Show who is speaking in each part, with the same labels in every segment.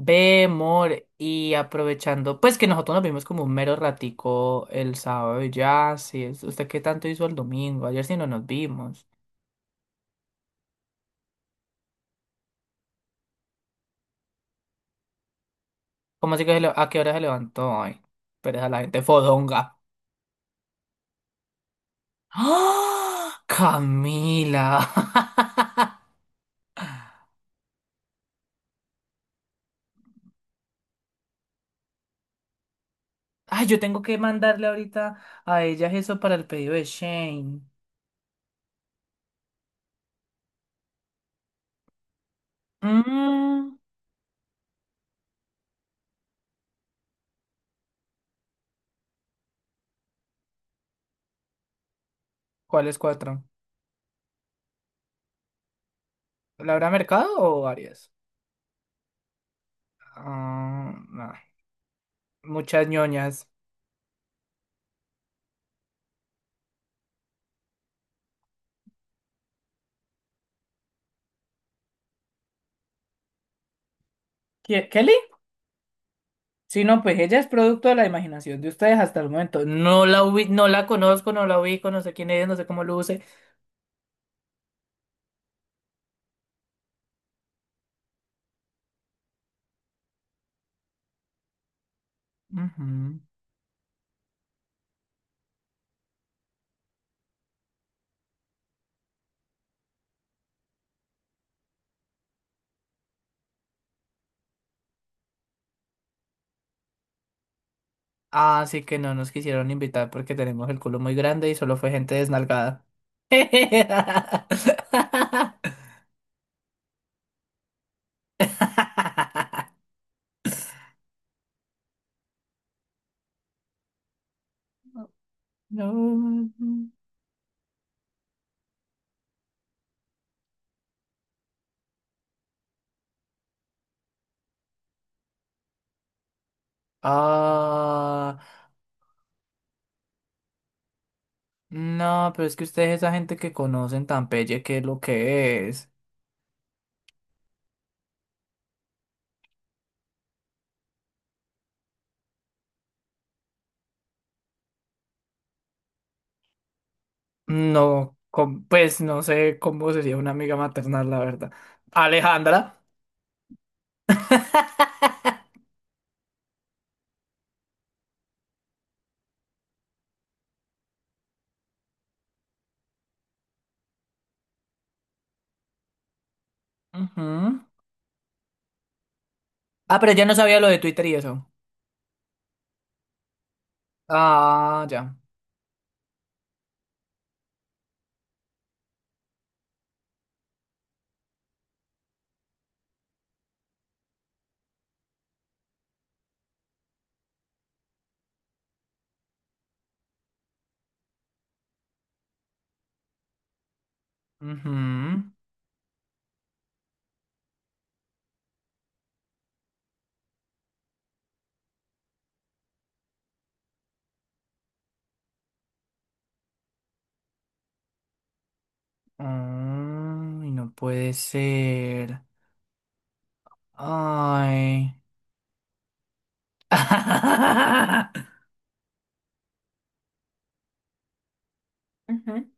Speaker 1: Ve, amor, y aprovechando, pues que nosotros nos vimos como un mero ratico el sábado y ya, sí, ¿usted qué tanto hizo el domingo? Ayer sí no nos vimos. ¿Cómo así que a qué hora se levantó, ay? Pero esa la gente fodonga. ¡Ah! ¡Camila! Ay, yo tengo que mandarle ahorita a ellas eso para el pedido de Shane. Mm. ¿Cuáles cuatro? ¿Laura Mercado o varias? Ah, nah, muchas ñoñas. ¿Qué, Kelly? Sí, no, pues ella es producto de la imaginación de ustedes hasta el momento. No la conozco, no la ubico, no sé quién es, no sé cómo luce. Ujú. Así que no nos quisieron invitar porque tenemos el culo muy grande y solo fue gente desnalgada. No. Ah, no, pero es que ustedes esa gente que conocen tan pelle, ¿qué es lo que es? No, pues no sé cómo sería una amiga maternal, la verdad. Alejandra. Ujú. Ah, pero ya no sabía lo de Twitter y eso. Ah, ya. Ujú. Ay, no puede ser. Ay. Ujú.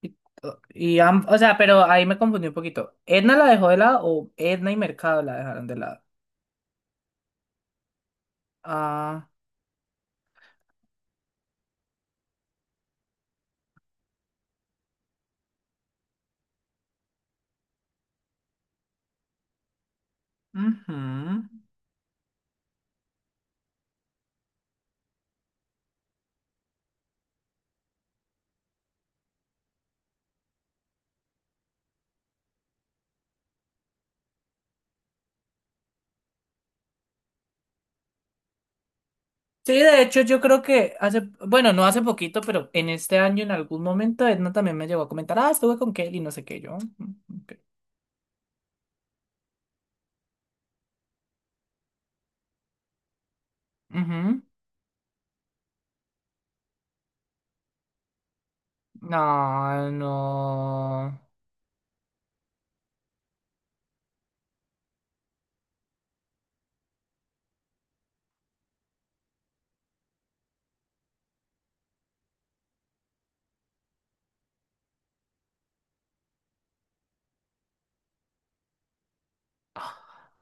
Speaker 1: Y, oh, y o sea, pero ahí me confundí un poquito. ¿Edna la dejó de lado o Edna y Mercado la dejaron de lado? Ah, ujú. Sí, de hecho yo creo que hace, bueno, no hace poquito, pero en este año en algún momento Edna también me llegó a comentar, ah, estuve con Kelly, no sé qué, yo: "Mm, ok". Ujú. No, no.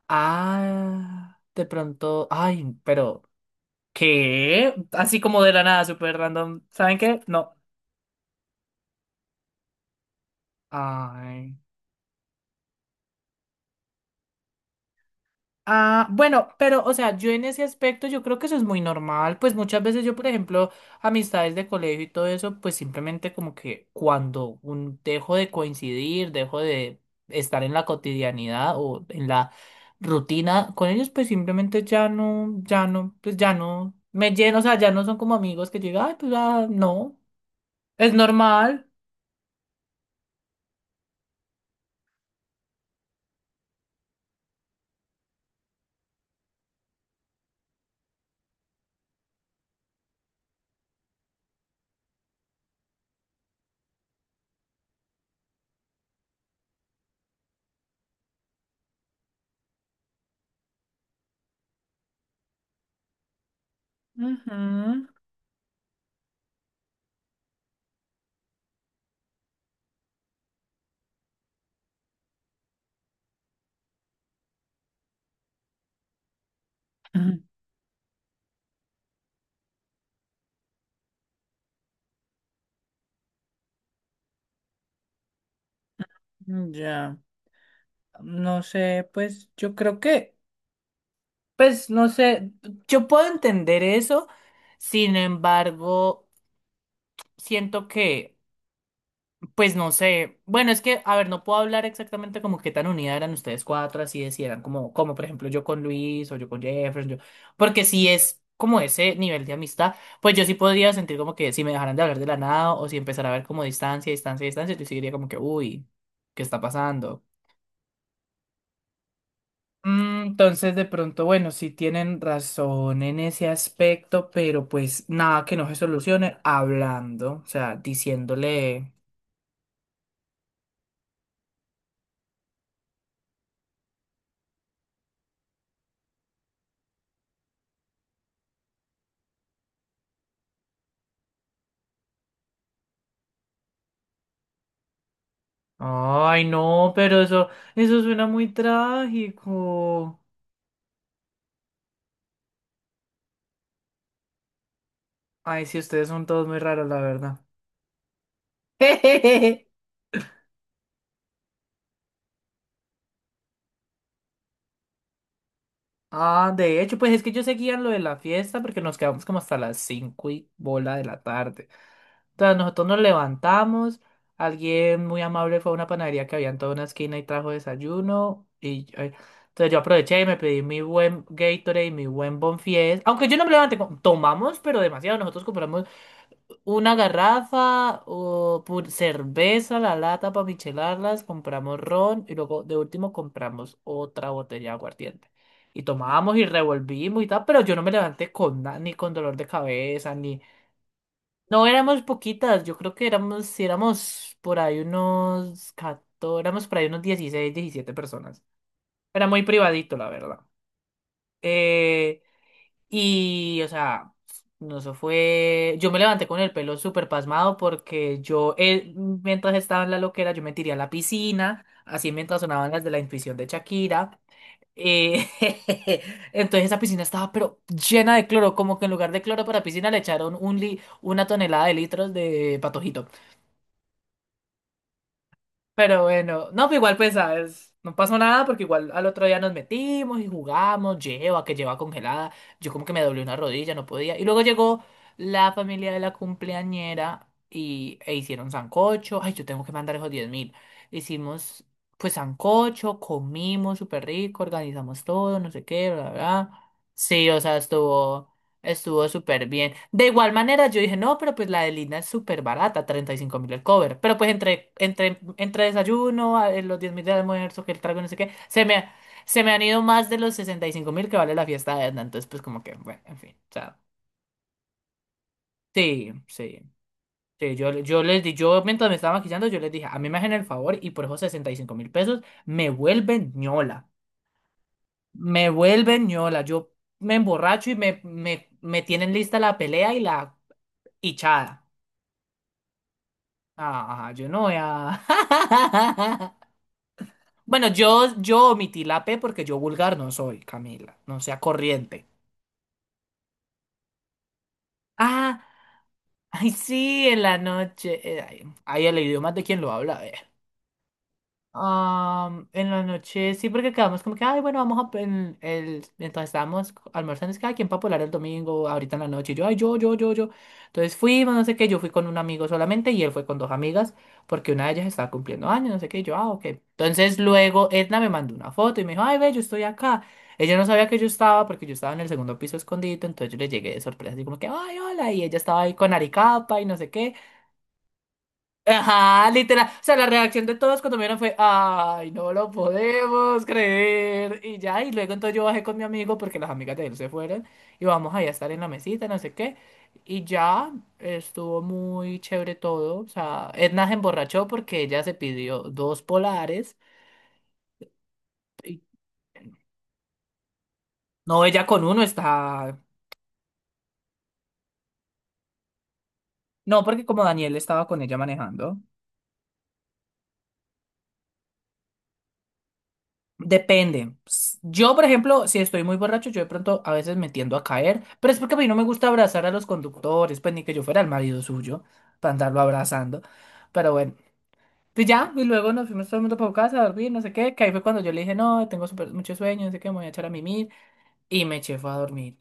Speaker 1: Ah, de pronto, ay, pero, ¿qué? Así como de la nada, súper random. ¿Saben qué? No. Ay. Ah, bueno, pero, o sea, yo en ese aspecto yo creo que eso es muy normal, pues muchas veces yo, por ejemplo, amistades de colegio y todo eso, pues simplemente como que cuando un, dejo de coincidir, dejo de estar en la cotidianidad o en la rutina con ellos, pues simplemente ya no, ya no, pues ya no me lleno, o sea, ya no son como amigos que llega, ay, pues ah, no, es normal. Ujú. Ya, no sé, pues yo creo que… Pues no sé, yo puedo entender eso, sin embargo, siento que, pues no sé, bueno, es que, a ver, no puedo hablar exactamente como qué tan unidas eran ustedes cuatro, así de si eran como, como por ejemplo yo con Luis o yo con Jefferson, yo, porque si es como ese nivel de amistad, pues yo sí podría sentir como que si me dejaran de hablar de la nada o si empezara a ver como distancia, distancia, distancia, yo sí diría como que, uy, ¿qué está pasando? Mm. Entonces, de pronto, bueno, sí tienen razón en ese aspecto, pero pues nada que no se solucione hablando, o sea, diciéndole, ay, no, pero eso suena muy trágico. Ay, sí, ustedes son todos muy raros, la verdad. Ah, de hecho, pues es que yo seguía lo de la fiesta porque nos quedamos como hasta las cinco y bola de la tarde. Sea, nosotros nos levantamos, alguien muy amable fue a una panadería que había en toda una esquina y trajo desayuno. Y entonces yo aproveché y me pedí mi buen Gatorade y mi buen Bonfies. Aunque yo no me levanté, tomamos, pero demasiado. Nosotros compramos una garrafa, o cerveza, la lata para michelarlas, compramos ron y luego de último compramos otra botella de aguardiente. Y tomábamos y revolvimos y tal, pero yo no me levanté con ni con dolor de cabeza, ni… No éramos poquitas, yo creo que éramos, si éramos por ahí unos 14, éramos por ahí unos 16 17 personas. Era muy privadito, la verdad. Eh, y, o sea, no, eso fue. Yo me levanté con el pelo súper pasmado porque yo, mientras estaba en la loquera, yo me tiré a la piscina, así mientras sonaban las de la intuición de Shakira. Eh, entonces esa piscina estaba pero llena de cloro, como que en lugar de cloro para piscina le echaron un una tonelada de litros de patojito. Pero bueno, no, pero igual pues, ¿sabes? No pasó nada porque igual al otro día nos metimos y jugamos, lleva, que lleva congelada. Yo como que me doblé una rodilla, no podía. Y luego llegó la familia de la cumpleañera y, e hicieron sancocho. Ay, yo tengo que mandar esos 10.000. Hicimos pues sancocho, comimos súper rico, organizamos todo, no sé qué, bla, bla, bla. Sí, o sea, estuvo… Estuvo súper bien. De igual manera, yo dije, no, pero pues la de Lina es súper barata, 35.000 el cover. Pero pues entre desayuno, los 10.000 de almuerzo, que el trago, no sé qué, se me han ido más de los 65.000 que vale la fiesta de Edna. Entonces, pues como que, bueno, en fin. O sea, sí, sí. Sí, yo les di, yo mientras me estaba maquillando, yo les dije, a mí me hacen el favor y por esos 65.000 pesos me vuelven ñola. Me vuelven ñola. Yo me emborracho y me tienen lista la pelea y la hinchada. Ah, yo no voy a… Bueno, yo omití la P porque yo vulgar no soy, Camila. No sea corriente. Ah, ay, sí, en la noche. Ay, ay, el idioma es de quien lo habla. En la noche, sí, porque quedamos como que, ay, bueno, vamos a… en el, entonces estábamos almorzando, es que, ay, ¿quién va a polar el domingo ahorita en la noche? Y yo, ay, yo, yo, yo, yo. Entonces fuimos, no sé qué, yo fui con un amigo solamente y él fue con dos amigas porque una de ellas estaba cumpliendo años, no sé qué, y yo, ah, ok. Entonces luego Edna me mandó una foto y me dijo, ay, ve, yo estoy acá. Ella no sabía que yo estaba porque yo estaba en el segundo piso escondido, entonces yo le llegué de sorpresa, así como que, ay, hola, y ella estaba ahí con Aricapa y no sé qué. Ajá, literal. O sea, la reacción de todos cuando me vieron fue, ay, no lo podemos creer. Y ya, y luego entonces yo bajé con mi amigo porque las amigas de él se fueron y vamos ahí a estar en la mesita, no sé qué. Y ya estuvo muy chévere todo. O sea, Edna se emborrachó porque ella se pidió dos polares. No, ella con uno está… No, porque como Daniel estaba con ella manejando. Depende. Yo, por ejemplo, si estoy muy borracho, yo de pronto a veces me tiendo a caer, pero es porque a mí no me gusta abrazar a los conductores, pues ni que yo fuera el marido suyo para andarlo abrazando. Pero bueno, pues ya, y luego nos fuimos todo el mundo para casa a dormir, no sé qué, que ahí fue cuando yo le dije, no, tengo mucho sueño, no sé qué, me voy a echar a mimir, y me eché fue a dormir.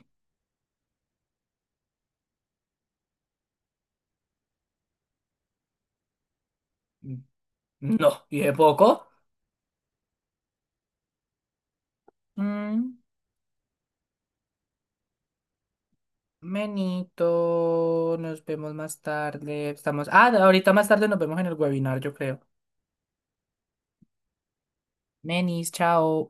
Speaker 1: Mm. No, y de poco. Mm. Menito, nos vemos más tarde. Estamos, ah, ahorita más tarde nos vemos en el webinar, yo creo. Menis, chao.